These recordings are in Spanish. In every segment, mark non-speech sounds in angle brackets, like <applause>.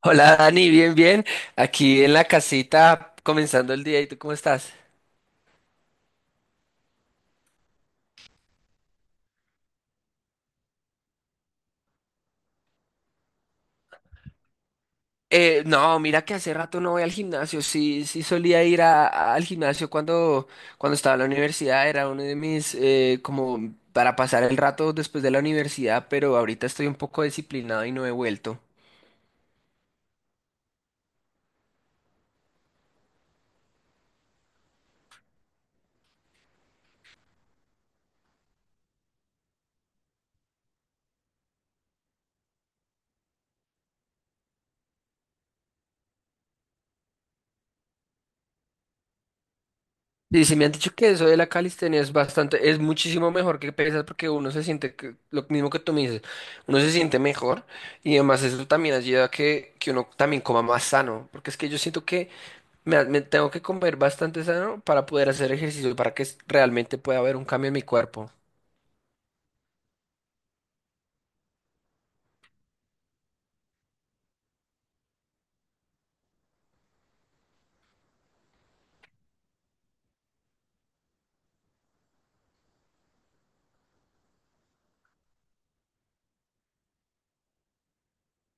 Hola Dani, bien, bien. Aquí en la casita comenzando el día. ¿Y tú cómo estás? No, mira que hace rato no voy al gimnasio. Sí, sí solía ir al gimnasio cuando, cuando estaba en la universidad. Era uno de mis, como para pasar el rato después de la universidad, pero ahorita estoy un poco disciplinado y no he vuelto. Y si me han dicho que eso de la calistenia es bastante, es muchísimo mejor que pesas porque uno se siente lo mismo que tú me dices, uno se siente mejor y además eso también ayuda a que uno también coma más sano, porque es que yo siento que me tengo que comer bastante sano para poder hacer ejercicio, para que realmente pueda haber un cambio en mi cuerpo.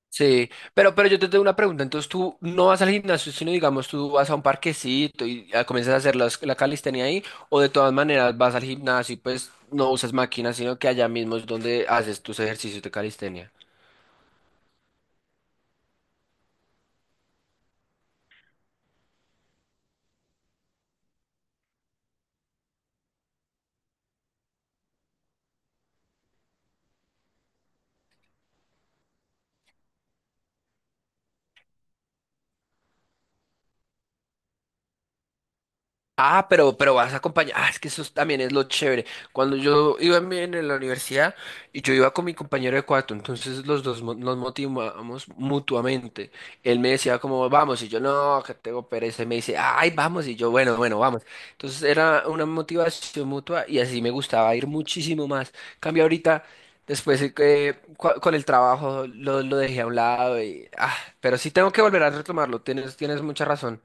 Sí, pero yo te tengo una pregunta. Entonces tú no vas al gimnasio, sino digamos tú vas a un parquecito y comienzas a hacer la calistenia ahí, o de todas maneras vas al gimnasio y pues no usas máquinas, sino que allá mismo es donde haces tus ejercicios de calistenia. Ah, pero vas a acompañar. Ah, es que eso también es lo chévere. Cuando yo iba en la universidad y yo iba con mi compañero de cuarto, entonces los dos nos motivamos mutuamente. Él me decía como, vamos, y yo, no, que tengo pereza. Y me dice, ay, vamos, y yo, bueno, bueno, vamos. Entonces era una motivación mutua y así me gustaba ir muchísimo más. Cambio ahorita, después que con el trabajo lo dejé a un lado y, ah, pero sí tengo que volver a retomarlo. Tienes, tienes mucha razón.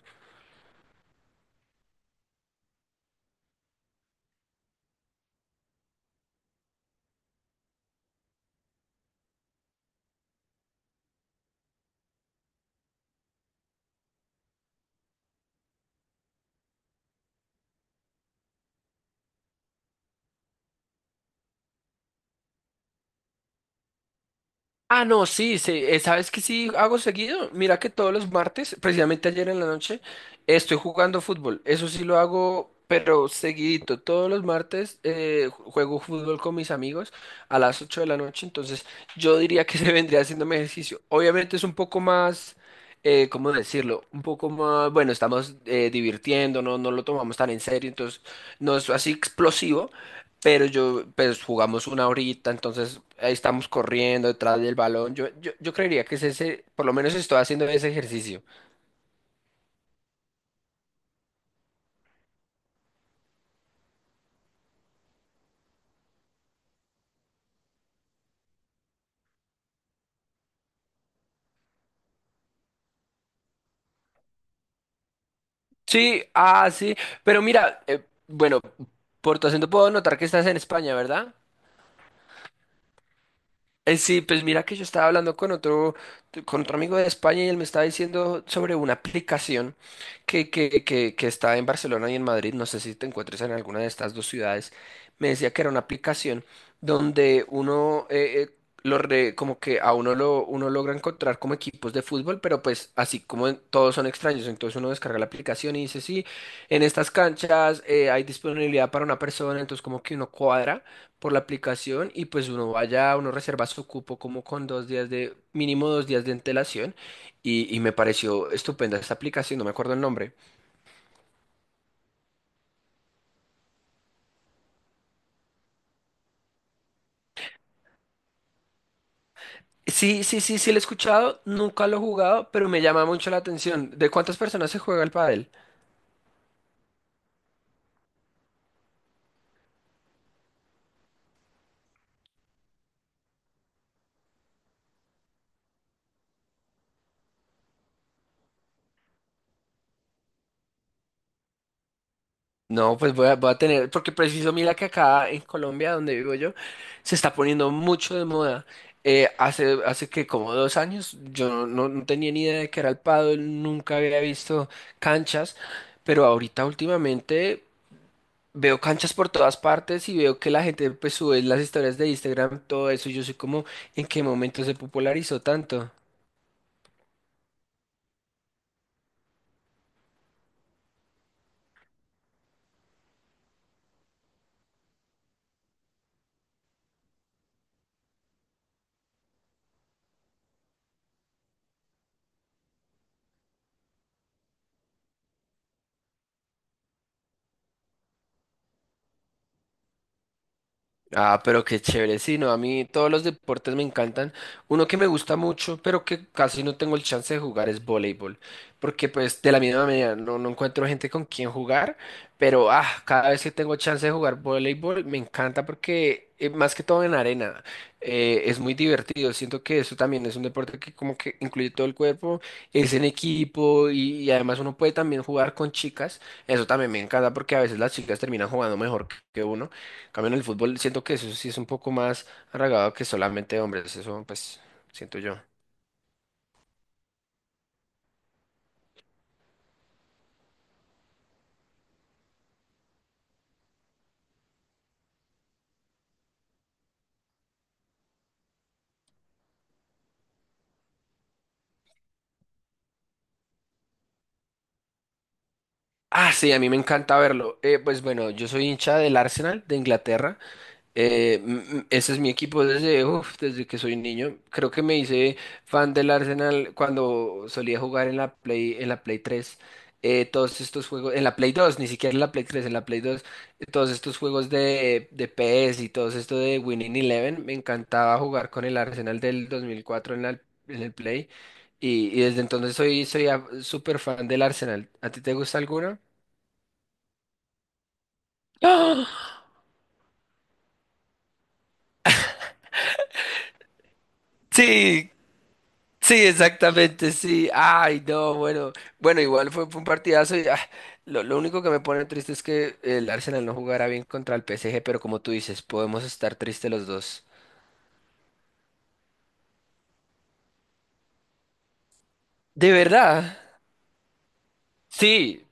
Ah, no, sí, sí, ¿sabes qué sí hago seguido? Mira que todos los martes, precisamente ayer en la noche, estoy jugando fútbol. Eso sí lo hago, pero seguidito. Todos los martes juego fútbol con mis amigos a las 8 de la noche, entonces yo diría que <laughs> se vendría haciéndome ejercicio. Obviamente es un poco más, ¿cómo decirlo? Un poco más, bueno, estamos divirtiéndonos, no lo tomamos tan en serio, entonces no es así explosivo. Pero yo, pues jugamos una horita, entonces ahí estamos corriendo detrás del balón. Yo creería que es ese, por lo menos estoy haciendo ese ejercicio. Sí, ah, sí, pero mira, bueno, por tu acento puedo notar que estás en España, ¿verdad? Sí, pues mira que yo estaba hablando con otro amigo de España y él me estaba diciendo sobre una aplicación que está en Barcelona y en Madrid, no sé si te encuentres en alguna de estas dos ciudades, me decía que era una aplicación donde uno, como que a uno lo uno logra encontrar como equipos de fútbol, pero pues así como todos son extraños, entonces uno descarga la aplicación y dice, sí, en estas canchas hay disponibilidad para una persona, entonces como que uno cuadra por la aplicación y pues uno vaya, uno reserva su cupo como con 2 días de, mínimo 2 días de antelación y me pareció estupenda esta aplicación, no me acuerdo el nombre. Sí, sí, sí, sí, lo he escuchado, nunca lo he jugado, pero me llama mucho la atención. ¿De cuántas personas se juega el pádel? No, voy a tener, porque preciso, mira que acá en Colombia, donde vivo yo, se está poniendo mucho de moda. Hace que como 2 años yo no tenía ni idea de que era el pádel, nunca había visto canchas, pero ahorita últimamente veo canchas por todas partes y veo que la gente pues sube las historias de Instagram, todo eso, y yo soy como, ¿en qué momento se popularizó tanto? Ah, pero qué chévere. Sí, no, a mí todos los deportes me encantan. Uno que me gusta mucho, pero que casi no tengo el chance de jugar es voleibol. Porque pues de la misma manera no encuentro gente con quien jugar, pero cada vez que tengo chance de jugar voleibol me encanta porque más que todo en arena es muy divertido. Siento que eso también es un deporte que como que incluye todo el cuerpo, es en equipo y además uno puede también jugar con chicas. Eso también me encanta porque a veces las chicas terminan jugando mejor que uno. En cambio, en el fútbol siento que eso sí es un poco más arraigado que solamente hombres, eso pues siento yo. Ah, sí, a mí me encanta verlo. Pues bueno, yo soy hincha del Arsenal de Inglaterra. Ese es mi equipo desde, uf, desde que soy niño. Creo que me hice fan del Arsenal cuando solía jugar en la Play 3. Eh, todos estos juegos, en la Play 2, ni siquiera en la Play 3, en la Play 2, todos estos juegos de PS y todo esto de Winning Eleven, me encantaba jugar con el Arsenal del 2004 en la, en el Play. Y desde entonces soy, súper fan del Arsenal. ¿A ti te gusta alguno? <gasps> ¡Ah! Sí, sí, exactamente, sí. Ay, no, bueno. Bueno, igual fue, fue un partidazo y lo único que me pone triste es que el Arsenal no jugará bien contra el PSG, pero como tú dices, podemos estar tristes los dos. ¿De verdad? Sí.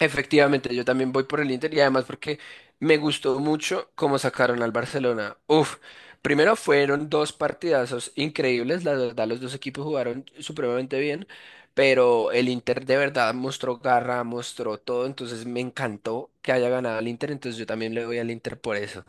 Efectivamente, yo también voy por el Inter y además porque me gustó mucho cómo sacaron al Barcelona. Uf, primero fueron dos partidazos increíbles, la verdad los dos equipos jugaron supremamente bien, pero el Inter de verdad mostró garra, mostró todo, entonces me encantó que haya ganado el Inter, entonces yo también le voy al Inter por eso.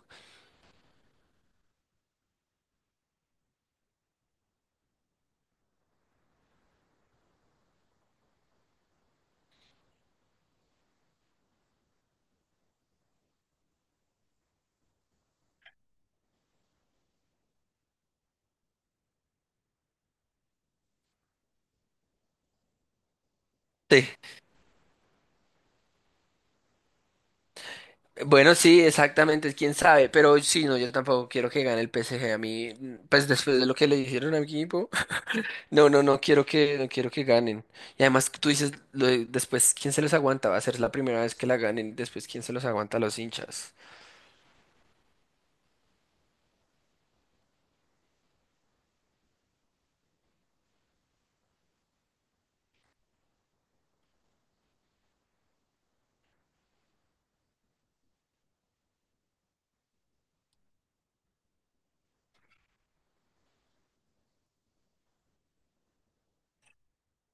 Sí, bueno, sí, exactamente, quién sabe, pero sí, no, yo tampoco quiero que gane el PSG a mí, pues después de lo que le hicieron a mi equipo. No, no, no quiero que, no quiero que ganen. Y además tú dices, después, ¿quién se los aguanta? Va a ser la primera vez que la ganen. Después, ¿quién se los aguanta a los hinchas?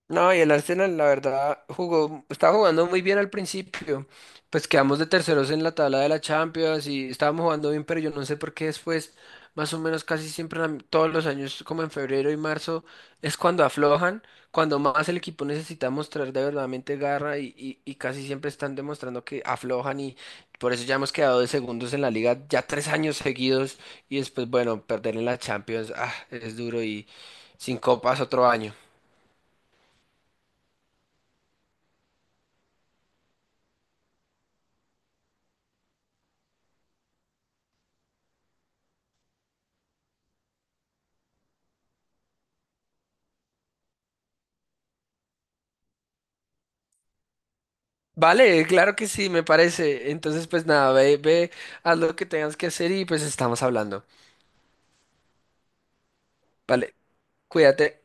No, y el Arsenal, la verdad, jugó, estaba jugando muy bien al principio. Pues quedamos de terceros en la tabla de la Champions y estábamos jugando bien, pero yo no sé por qué después, más o menos casi siempre, en todos los años, como en febrero y marzo, es cuando aflojan, cuando más el equipo necesita mostrar de verdaderamente garra y casi siempre están demostrando que aflojan y por eso ya hemos quedado de segundos en la liga ya 3 años seguidos y después, bueno, perder en la Champions, ah, es duro y sin copas otro año. Vale, claro que sí, me parece. Entonces, pues nada, ve, ve, haz lo que tengas que hacer y pues estamos hablando. Vale, cuídate.